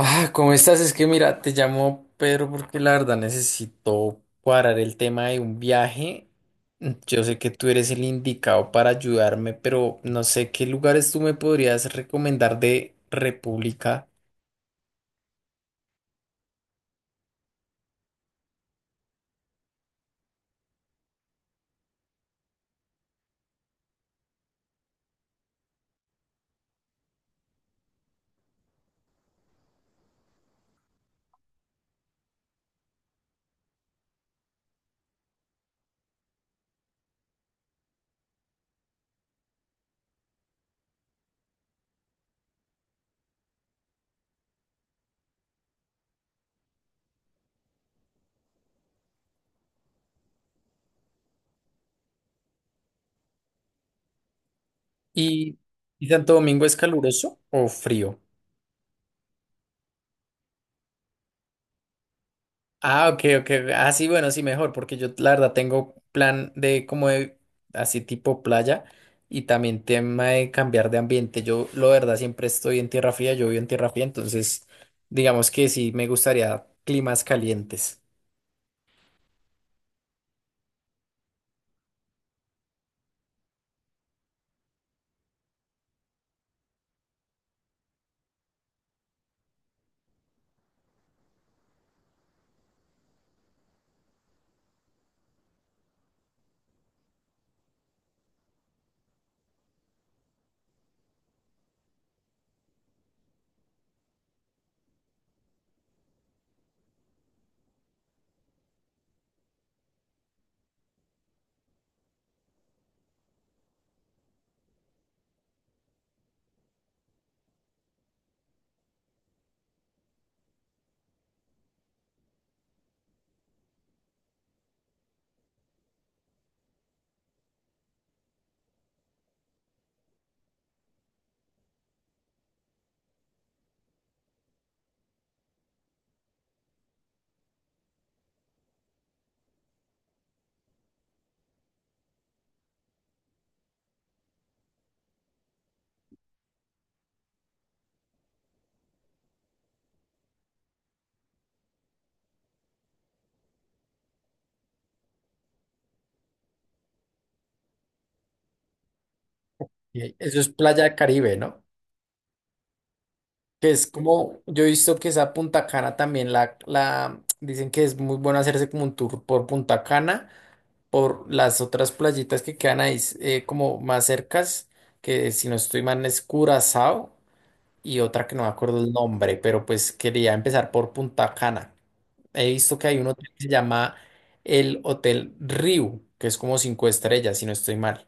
Ah, ¿cómo estás? Es que mira, te llamo Pedro porque la verdad necesito cuadrar el tema de un viaje. Yo sé que tú eres el indicado para ayudarme, pero no sé qué lugares tú me podrías recomendar de República. ¿Y, y Santo Domingo es caluroso o frío? Ah, ok, ok. Ah, sí, bueno, sí, mejor, porque yo la verdad tengo plan de como de así tipo playa y también tema de cambiar de ambiente. Yo, la verdad, siempre estoy en tierra fría, yo vivo en tierra fría, entonces digamos que sí me gustaría climas calientes. Y eso es Playa Caribe, ¿no? Que es como, yo he visto que esa Punta Cana también la, dicen que es muy bueno hacerse como un tour por Punta Cana por las otras playitas que quedan ahí como más cercas, que si no estoy mal es Curazao y otra que no me acuerdo el nombre, pero pues quería empezar por Punta Cana. He visto que hay un hotel que se llama el Hotel Riu, que es como cinco estrellas, si no estoy mal.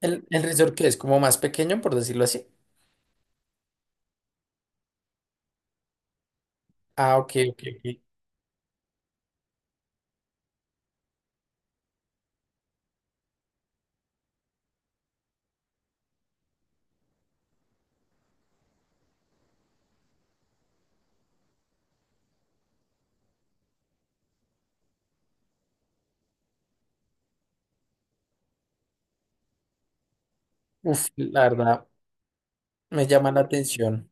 El resort que es como más pequeño, por decirlo así. Ah, ok, ok, ok. Uf, la verdad me llama la atención.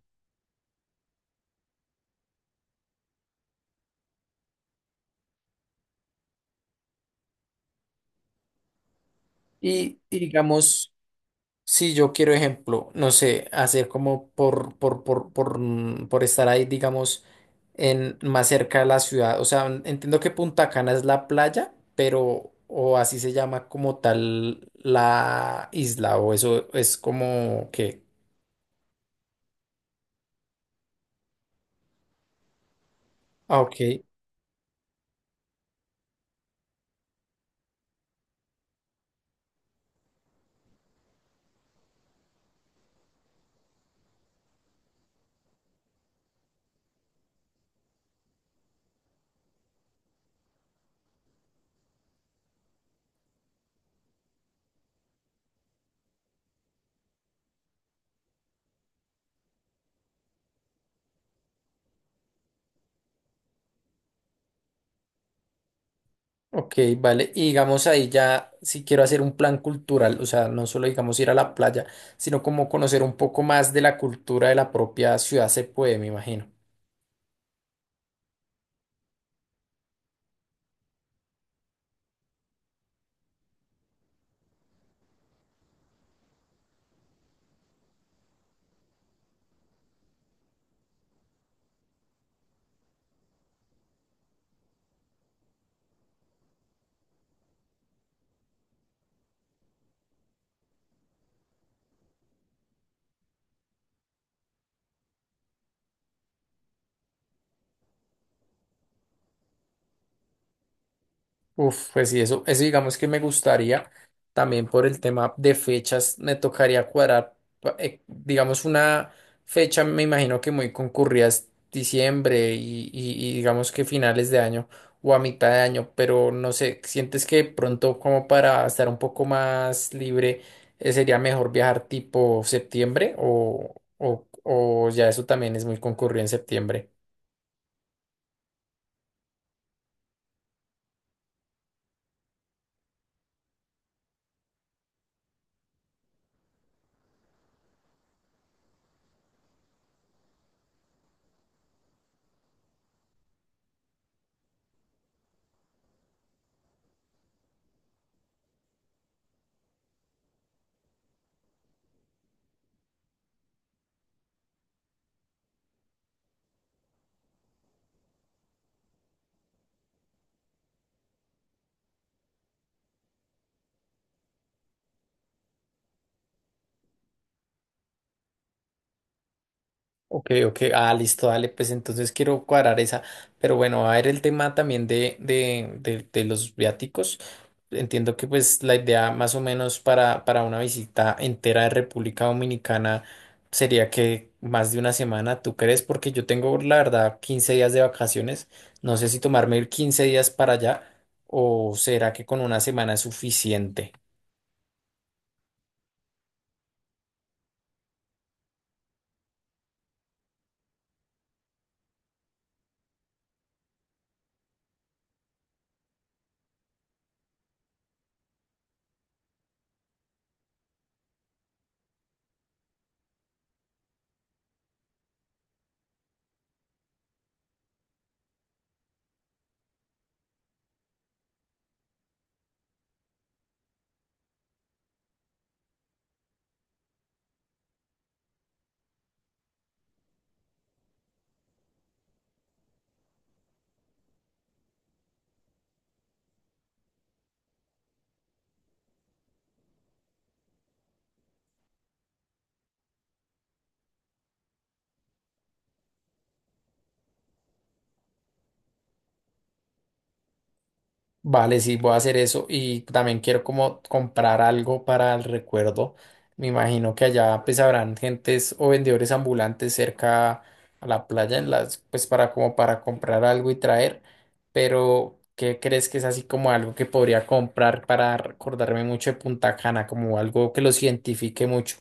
Y digamos, si yo quiero, ejemplo, no sé, hacer como por, por estar ahí, digamos, en, más cerca de la ciudad. O sea, entiendo que Punta Cana es la playa, pero, o así se llama como tal la isla, o eso es como que. Ah, ok, ok, vale. Y digamos ahí ya, si quiero hacer un plan cultural, o sea, no solo digamos ir a la playa, sino como conocer un poco más de la cultura de la propia ciudad, se puede, me imagino. Uf, pues sí, eso digamos que me gustaría también por el tema de fechas, me tocaría cuadrar, digamos, una fecha, me imagino que muy concurrida es diciembre y digamos que finales de año o a mitad de año, pero no sé, ¿sientes que pronto como para estar un poco más libre, sería mejor viajar tipo septiembre o ya eso también es muy concurrido en septiembre? Ok, ok, ah, listo, dale, pues entonces quiero cuadrar esa, pero bueno, va a ver el tema también de los viáticos. Entiendo que pues la idea más o menos para una visita entera de República Dominicana sería que más de una semana, ¿tú crees? Porque yo tengo la verdad 15 días de vacaciones, no sé si tomarme 15 días para allá o será que con una semana es suficiente. Vale, sí, voy a hacer eso y también quiero como comprar algo para el recuerdo. Me imagino que allá pues habrán gentes o vendedores ambulantes cerca a la playa en las pues para como para comprar algo y traer, pero ¿qué crees que es así como algo que podría comprar para recordarme mucho de Punta Cana, como algo que los identifique mucho?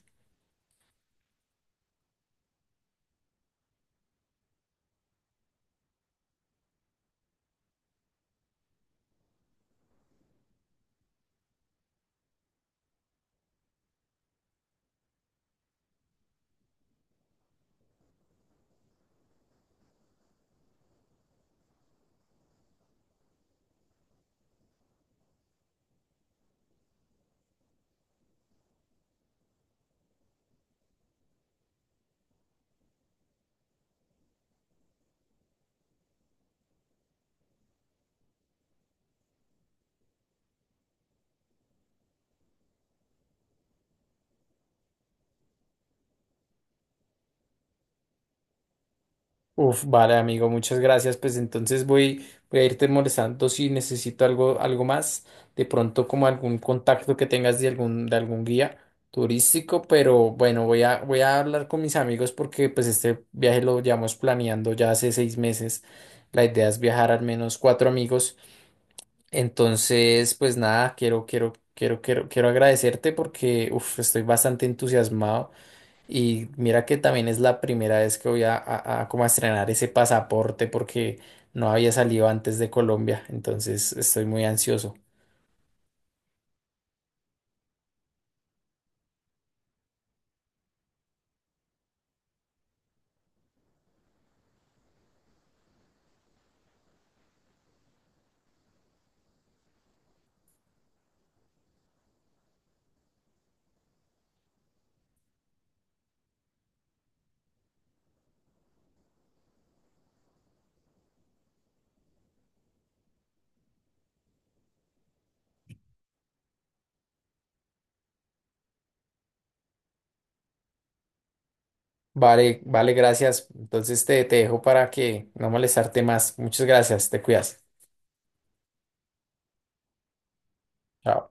Uf, vale, amigo, muchas gracias. Pues entonces voy a irte molestando si necesito algo más. De pronto, como algún contacto que tengas de algún guía turístico, pero bueno, voy a hablar con mis amigos porque pues este viaje lo llevamos planeando ya hace 6 meses. La idea es viajar al menos cuatro amigos. Entonces, pues nada, quiero agradecerte porque uf, estoy bastante entusiasmado. Y mira que también es la primera vez que voy a como a estrenar ese pasaporte porque no había salido antes de Colombia, entonces estoy muy ansioso. Vale, vale, gracias. Entonces te dejo para que no molestarte más. Muchas gracias, te cuidas. Chao.